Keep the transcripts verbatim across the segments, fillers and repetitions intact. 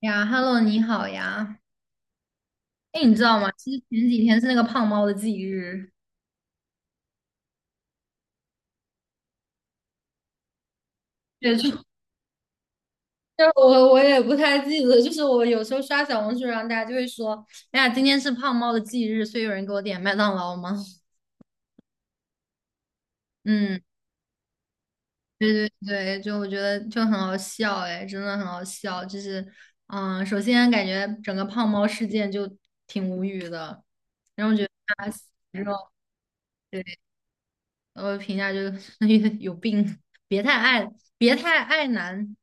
呀，Hello，你好呀。哎，你知道吗？其实前几天是那个胖猫的忌日。对，就 就是我我也不太记得，就是我有时候刷小红书，然后大家就会说，哎呀，今天是胖猫的忌日，所以有人给我点麦当劳吗？嗯，对对对，就我觉得就很好笑，哎，真的很好笑。就是，嗯，首先感觉整个胖猫事件就挺无语的，然后我觉得他死肉，对，我评价就是 有病，别太爱，别太爱男。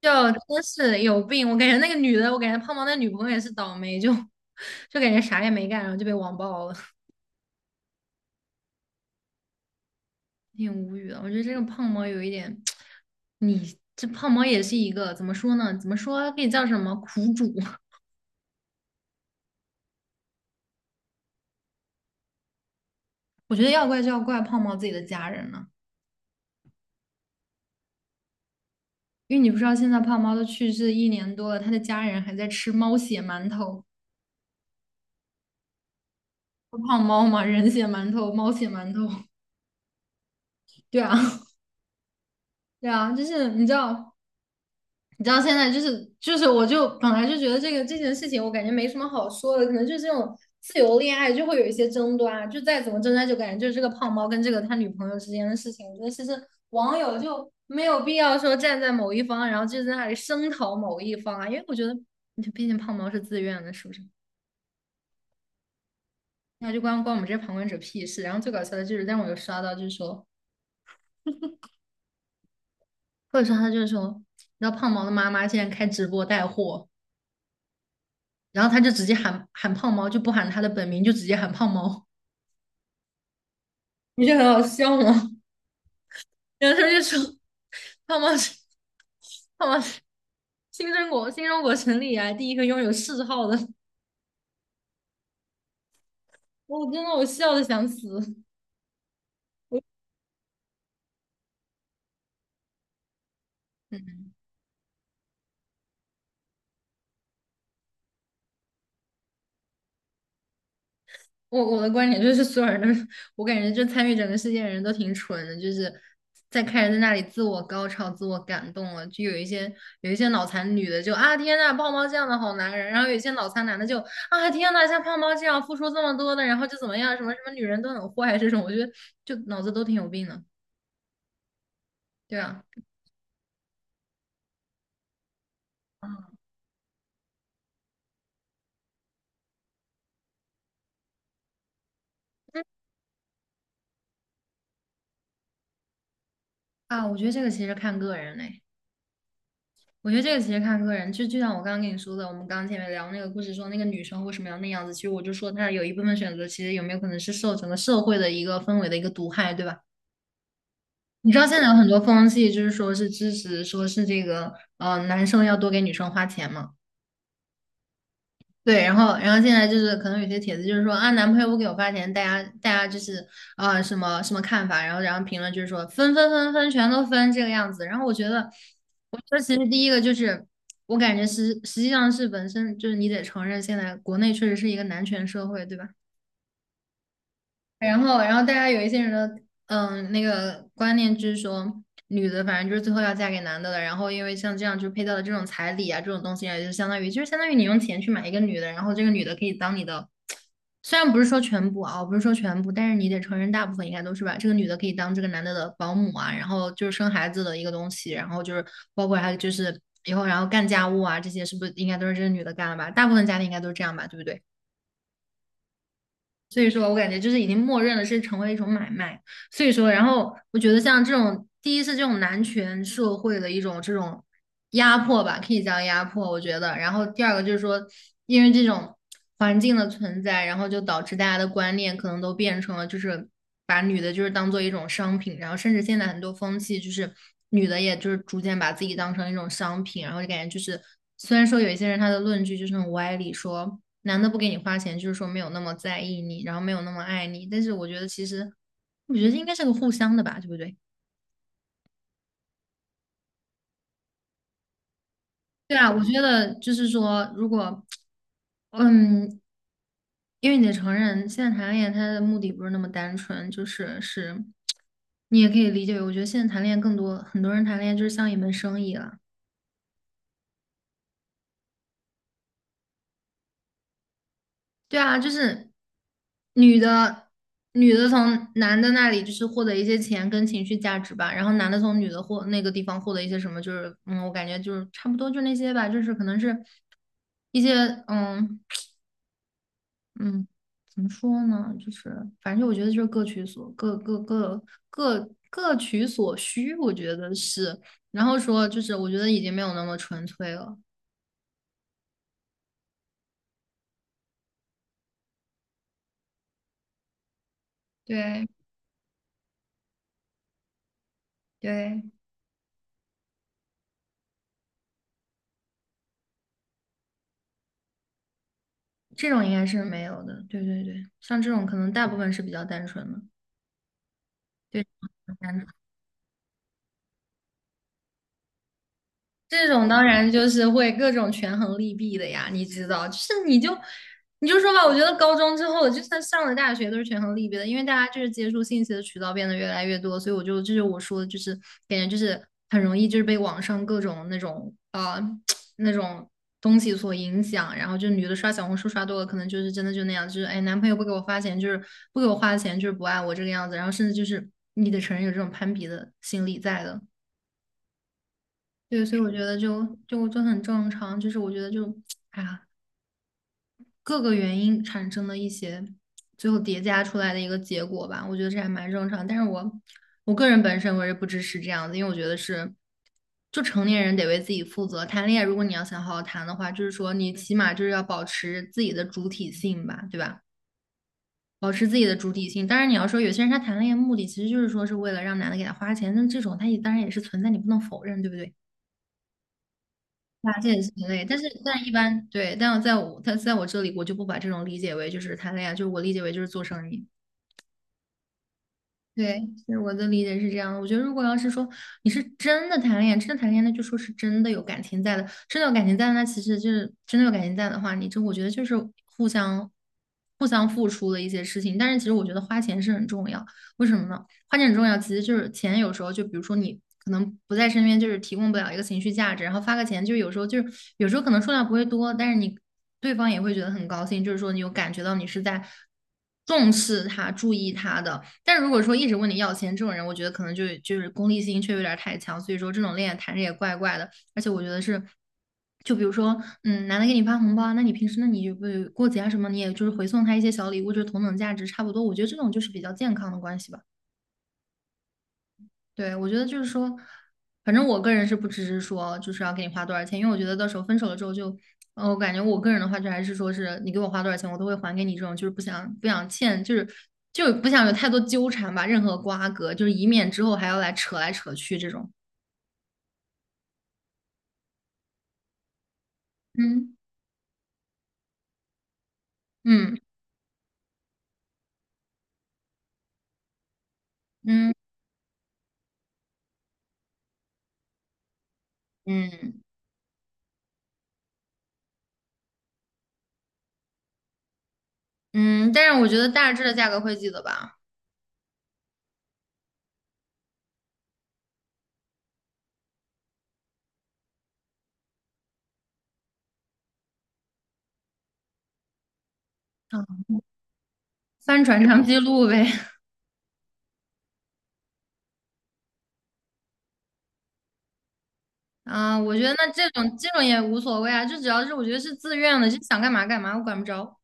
就真是有病！我感觉那个女的，我感觉胖猫那女朋友也是倒霉，就 就感觉啥也没干，然后就被网暴了，挺无语的。我觉得这个胖猫有一点，你这胖猫也是一个怎么说呢？怎么说可以叫什么苦主？我觉得要怪就要怪胖猫自己的家人了，因为你不知道现在胖猫都去世一年多了，他的家人还在吃猫血馒头，胖猫嘛，人血馒头、猫血馒头，对啊，对啊，就是你知道。你知道现在就是就是，我就本来就觉得这个这件事情，我感觉没什么好说的，可能就是这种自由恋爱就会有一些争端啊，就再怎么争端，就感觉就是这个胖猫跟这个他女朋友之间的事情。我觉得其实网友就没有必要说站在某一方，然后就在那里声讨某一方啊，因为我觉得，毕竟胖猫是自愿的，是不是？那就关关我们这些旁观者屁事。然后最搞笑的就是，但我有刷到，就是说，或者说他就是说，你知道胖猫的妈妈竟然开直播带货。然后他就直接喊喊胖猫，就不喊他的本名，就直接喊胖猫，不就很好笑吗？然后他就说胖猫是胖猫是新中国新中国成立以来第一个拥有谥号的，我真的，我笑的想死。嗯。我我的观点就是，所有人都是我感觉就参与整个事件的人都挺蠢的，就是在开始在那里自我高潮、自我感动了，就有一些有一些脑残女的就啊天呐，胖猫这样的好男人，然后有一些脑残男的就啊天呐，像胖猫这样付出这么多的，然后就怎么样，什么什么女人都很坏这种，我觉得就脑子都挺有病的，对啊，啊，我觉得这个其实看个人嘞。我觉得这个其实看个人，就就像我刚刚跟你说的，我们刚刚前面聊那个故事，说那个女生为什么要那样子，其实我就说她有一部分选择，其实有没有可能是受整个社会的一个氛围的一个毒害，对吧？你知道现在有很多风气，就是说是支持，说是这个呃男生要多给女生花钱嘛。对，然后，然后现在就是可能有些帖子就是说啊，男朋友不给我发钱，大家大家就是啊、什么什么看法，然后然后评论就是说分分分分全都分这个样子。然后我觉得，我觉得其实第一个就是我感觉实实际上是本身就是你得承认，现在国内确实是一个男权社会，对吧？然后，然后大家有一些人的嗯那个观念就是说，女的反正就是最后要嫁给男的了。然后因为像这样就配到的这种彩礼啊这种东西啊，就相当于就是相当于你用钱去买一个女的，然后这个女的可以当你的，虽然不是说全部啊，我不是说全部，但是你得承认大部分应该都是吧。这个女的可以当这个男的的保姆啊，然后就是生孩子的一个东西，然后就是包括还有就是以后然后干家务啊这些，是不是应该都是这个女的干了吧？大部分家庭应该都是这样吧，对不对？所以说我感觉就是已经默认了是成为一种买卖。所以说，然后我觉得像这种，第一是这种男权社会的一种这种压迫吧，可以叫压迫，我觉得。然后第二个就是说，因为这种环境的存在，然后就导致大家的观念可能都变成了就是把女的就是当做一种商品，然后甚至现在很多风气就是女的也就是逐渐把自己当成一种商品，然后就感觉就是虽然说有一些人他的论据就是很歪理说。男的不给你花钱，就是说没有那么在意你，然后没有那么爱你。但是我觉得其实，我觉得应该是个互相的吧，对不对？对啊，我觉得就是说，如果，嗯，因为你得承认，现在谈恋爱他的目的不是那么单纯，就是是，你也可以理解为，我觉得现在谈恋爱更多，很多人谈恋爱就是像一门生意了。对啊，就是女的，女的从男的那里就是获得一些钱跟情绪价值吧，然后男的从女的获那个地方获得一些什么，就是嗯，我感觉就是差不多就那些吧，就是可能是一些嗯嗯，怎么说呢，就是反正我觉得就是各取所各各各各各取所需，我觉得是，然后说就是我觉得已经没有那么纯粹了，对对。这种应该是没有的。对对对，像这种可能大部分是比较单纯的，对，单纯。这种当然就是会各种权衡利弊的呀，你知道，就是你就你就说吧，我觉得高中之后，就算上了大学，都是权衡利弊的，因为大家就是接触信息的渠道变得越来越多，所以我就这就是我说的，就是感觉就是很容易就是被网上各种那种啊、呃 那种东西所影响，然后就女的刷小红书刷多了，可能就是真的就那样，就是哎，男朋友不给我花钱，就是不给我花钱，就是不爱我这个样子，然后甚至就是你得承认有这种攀比的心理在的。对，所以我觉得就就就很正常，就是我觉得就，哎呀，各个原因产生的一些最后叠加出来的一个结果吧，我觉得这还蛮正常。但是我我个人本身我是不支持这样子，因为我觉得是，就成年人得为自己负责。谈恋爱，如果你要想好好谈的话，就是说你起码就是要保持自己的主体性吧，对吧？保持自己的主体性。当然，你要说有些人他谈恋爱目的其实就是说是为了让男的给他花钱，那这种他也当然也是存在，你不能否认，对不对？发现是挺累，但是但一般对，但我在我他在我这里，我就不把这种理解为就是谈恋爱，就是我理解为就是做生意。对，是我的理解是这样的。我觉得如果要是说你是真的谈恋爱，真的谈恋爱，那就说是真的有感情在的，真的有感情在的那其实就是真的有感情在的话，你这我觉得就是互相互相付出的一些事情。但是其实我觉得花钱是很重要，为什么呢？花钱很重要，其实就是钱，有时候就比如说你可能不在身边，就是提供不了一个情绪价值，然后发个钱，就是有时候就是有时候可能数量不会多，但是你对方也会觉得很高兴，就是说你有感觉到你是在重视他、注意他的。但如果说一直问你要钱这种人，我觉得可能就就是功利心却有点太强，所以说这种恋爱谈着也怪怪的。而且我觉得是，就比如说，嗯，男的给你发红包啊那你平时那你就不过节啊什么，你也就是回送他一些小礼物，就是同等价值差不多。我觉得这种就是比较健康的关系吧。对，我觉得就是说，反正我个人是不支持说就是要给你花多少钱，因为我觉得到时候分手了之后就，呃，我感觉我个人的话就还是说是你给我花多少钱，我都会还给你这种，就是不想不想欠，就是就不想有太多纠缠吧，任何瓜葛，就是以免之后还要来扯来扯去这种。嗯嗯嗯嗯嗯，但是我觉得大致的价格会记得吧。啊，翻转账记录呗。啊，我觉得那这种这种也无所谓啊，就只要是我觉得是自愿的，就想干嘛干嘛，我管不着。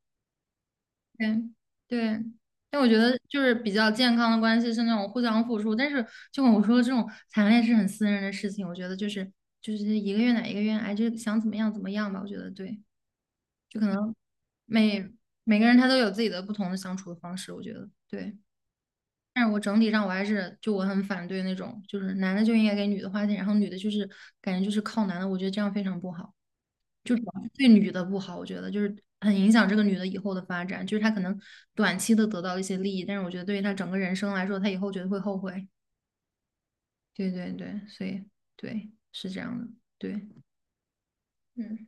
对对，但我觉得就是比较健康的关系是那种互相付出，但是就跟我说的这种谈恋爱是很私人的事情，我觉得就是就是一个愿打一个愿挨，就想怎么样怎么样吧，我觉得对，就可能每每个人他都有自己的不同的相处的方式，我觉得对。但是我整体上我还是就我很反对那种就是男的就应该给女的花钱，然后女的就是感觉就是靠男的，我觉得这样非常不好。就主要是对女的不好，我觉得就是很影响这个女的以后的发展。就是她可能短期的得到一些利益，但是我觉得对于她整个人生来说，她以后绝对会后悔。对对对，所以对，是这样的。对，嗯。